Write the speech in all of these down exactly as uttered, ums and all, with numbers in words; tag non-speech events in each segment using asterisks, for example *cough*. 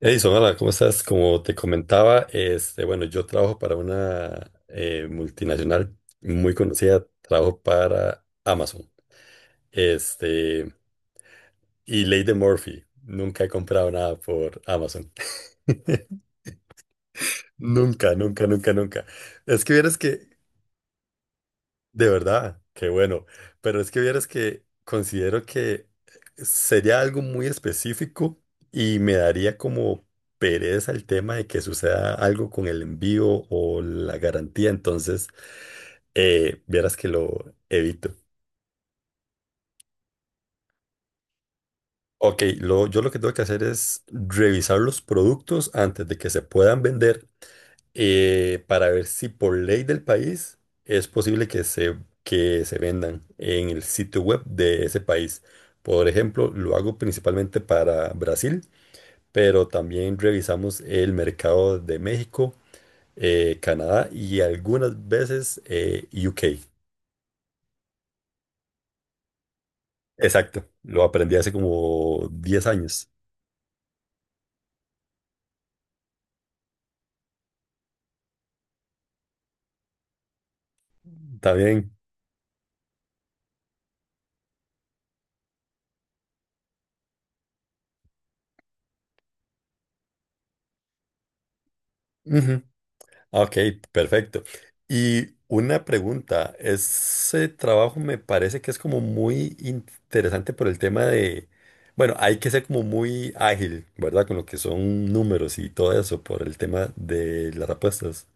Edison, hola, ¿cómo estás? Como te comentaba, este, bueno, yo trabajo para una eh, multinacional muy conocida. Trabajo para Amazon. Este, y Ley de Murphy, nunca he comprado nada por Amazon. *laughs* Nunca, nunca, nunca, nunca. Es que vieras que... De verdad, qué bueno. Pero es que vieras que considero que sería algo muy específico y me daría como pereza el tema de que suceda algo con el envío o la garantía. Entonces, eh, vieras que lo evito. Ok, lo, yo lo que tengo que hacer es revisar los productos antes de que se puedan vender, eh, para ver si por ley del país es posible que se, que se vendan en el sitio web de ese país. Por ejemplo, lo hago principalmente para Brasil, pero también revisamos el mercado de México, eh, Canadá y algunas veces eh, U K. Exacto, lo aprendí hace como diez años. También. Ujú. Ok, perfecto. Y una pregunta, ese trabajo me parece que es como muy interesante por el tema de, bueno, hay que ser como muy ágil, ¿verdad? Con lo que son números y todo eso por el tema de las apuestas.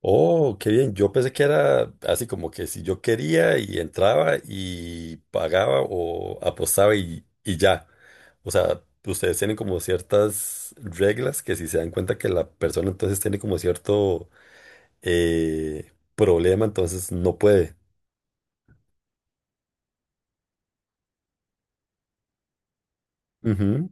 Oh, qué bien. Yo pensé que era así como que si yo quería y entraba y pagaba o apostaba y, y ya. O sea, ustedes tienen como ciertas reglas que si se dan cuenta que la persona entonces tiene como cierto eh, problema, entonces no puede. Ujú.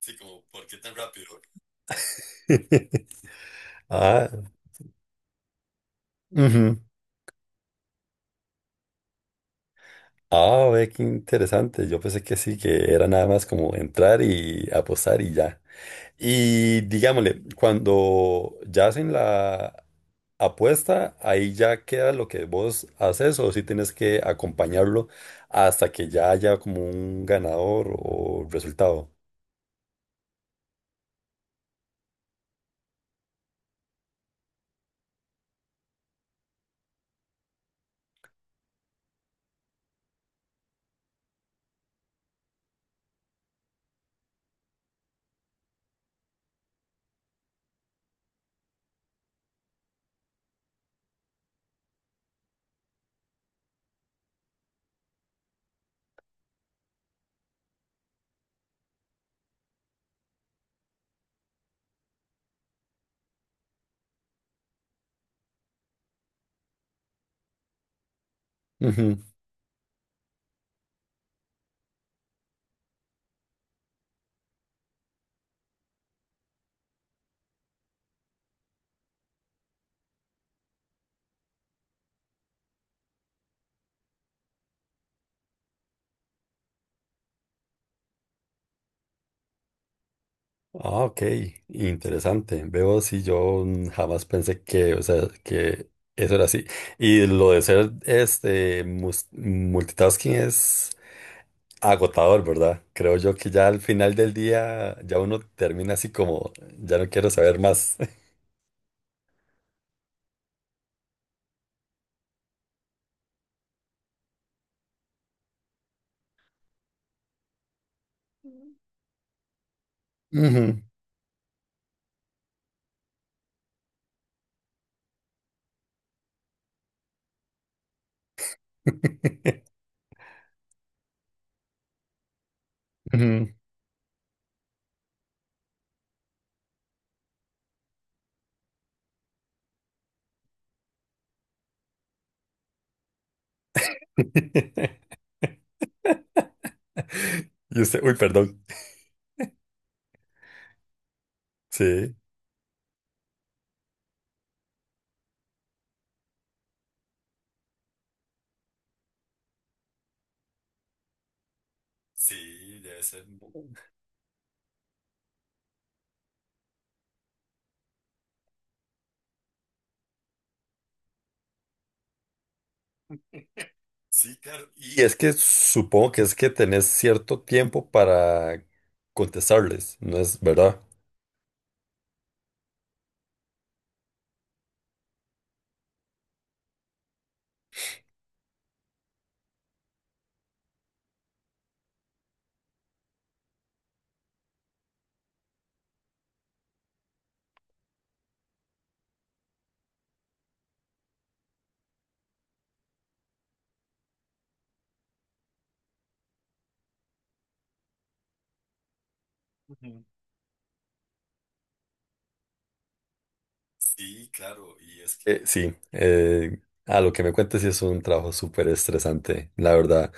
Sí, como, ¿por qué tan rápido? *laughs* Ah, ujú. Ah, ve qué interesante. Yo pensé que sí, que era nada más como entrar y apostar y ya. Y digámosle, cuando ya hacen la apuesta, ahí ya queda lo que vos haces o si tienes que acompañarlo hasta que ya haya como un ganador o resultado. Ah, ok, interesante. Veo si yo mm, jamás pensé que, o sea, que eso era así. Y lo de ser este mus- multitasking es agotador, ¿verdad? Creo yo que ya al final del día ya uno termina así como, ya no quiero saber más. *laughs* Ujú, ujú. *laughs* Y usted, uy, perdón. Sí. Sí, debe ser. Sí, claro. Y es que supongo que es que tenés cierto tiempo para contestarles, ¿no es verdad? Ujú. Sí, claro. Y es que... Eh, sí, eh, a lo que me cuentes sí es un trabajo súper estresante, la verdad.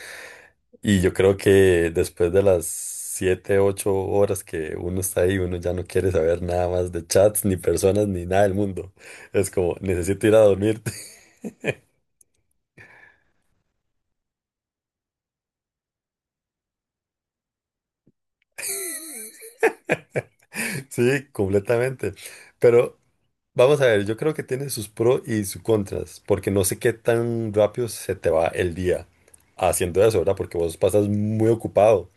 Y yo creo que después de las siete, ocho horas que uno está ahí, uno ya no quiere saber nada más de chats, ni personas, ni nada del mundo. Es como, necesito ir a dormir. *laughs* Sí, completamente. Pero... Vamos a ver, yo creo que tiene sus pros y sus contras, porque no sé qué tan rápido se te va el día haciendo eso, ¿verdad? Porque vos pasas muy ocupado.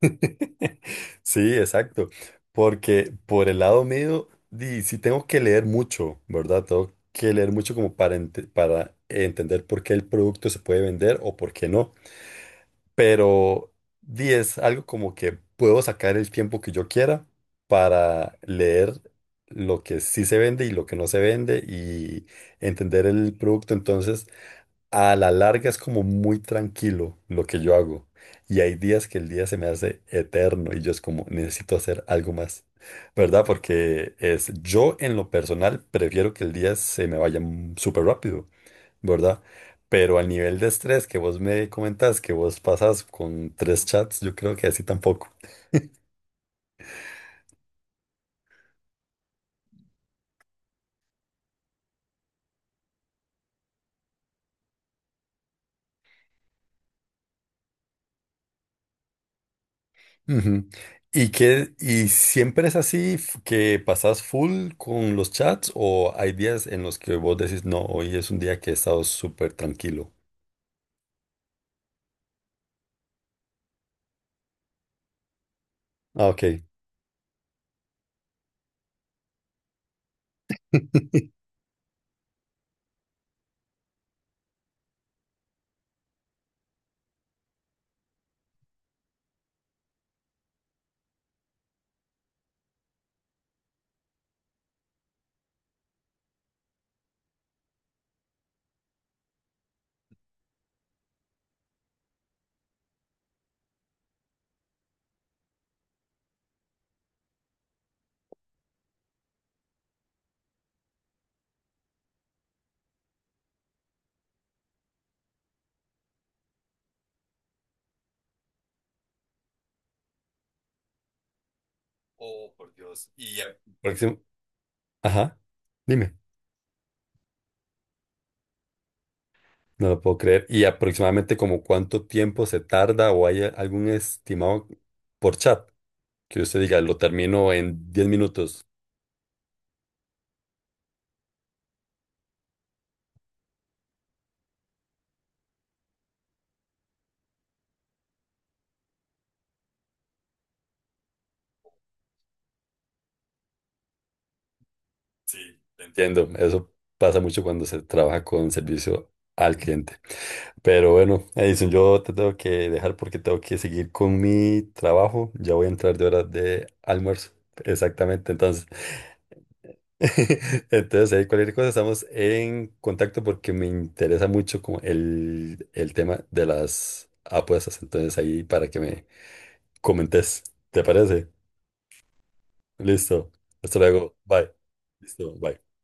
*laughs* Sí, exacto. Porque por el lado mío, di, sí tengo que leer mucho, ¿verdad? Tengo que leer mucho como para, ente- para entender por qué el producto se puede vender o por qué no. Pero diez, algo como que puedo sacar el tiempo que yo quiera para leer lo que sí se vende y lo que no se vende y entender el producto. Entonces, a la larga es como muy tranquilo lo que yo hago. Y hay días que el día se me hace eterno y yo es como, necesito hacer algo más, ¿verdad? Porque es, yo en lo personal prefiero que el día se me vaya mm, súper rápido. ¿Verdad? Pero al nivel de estrés que vos me comentás, que vos pasas con tres chats, yo creo que así tampoco. Ujú. ¿Y que y siempre es así f- que pasás full con los chats o hay días en los que vos decís, no, hoy es un día que he estado súper tranquilo? Ah, ok. Oh, por Dios. Y ya- próximo. Ajá, dime. No lo puedo creer. ¿Y aproximadamente como cuánto tiempo se tarda o hay algún estimado por chat? Que usted diga, lo termino en diez minutos. Sí, te entiendo. Eso pasa mucho cuando se trabaja con servicio al cliente. Pero bueno, Edison, yo te tengo que dejar porque tengo que seguir con mi trabajo. Ya voy a entrar de horas de almuerzo. Exactamente, entonces. *laughs* Entonces, ahí cualquier cosa estamos en contacto porque me interesa mucho como el, el tema de las apuestas. Entonces, ahí para que me comentes. ¿Te parece? Listo. Hasta luego. Bye. Listo. Bye.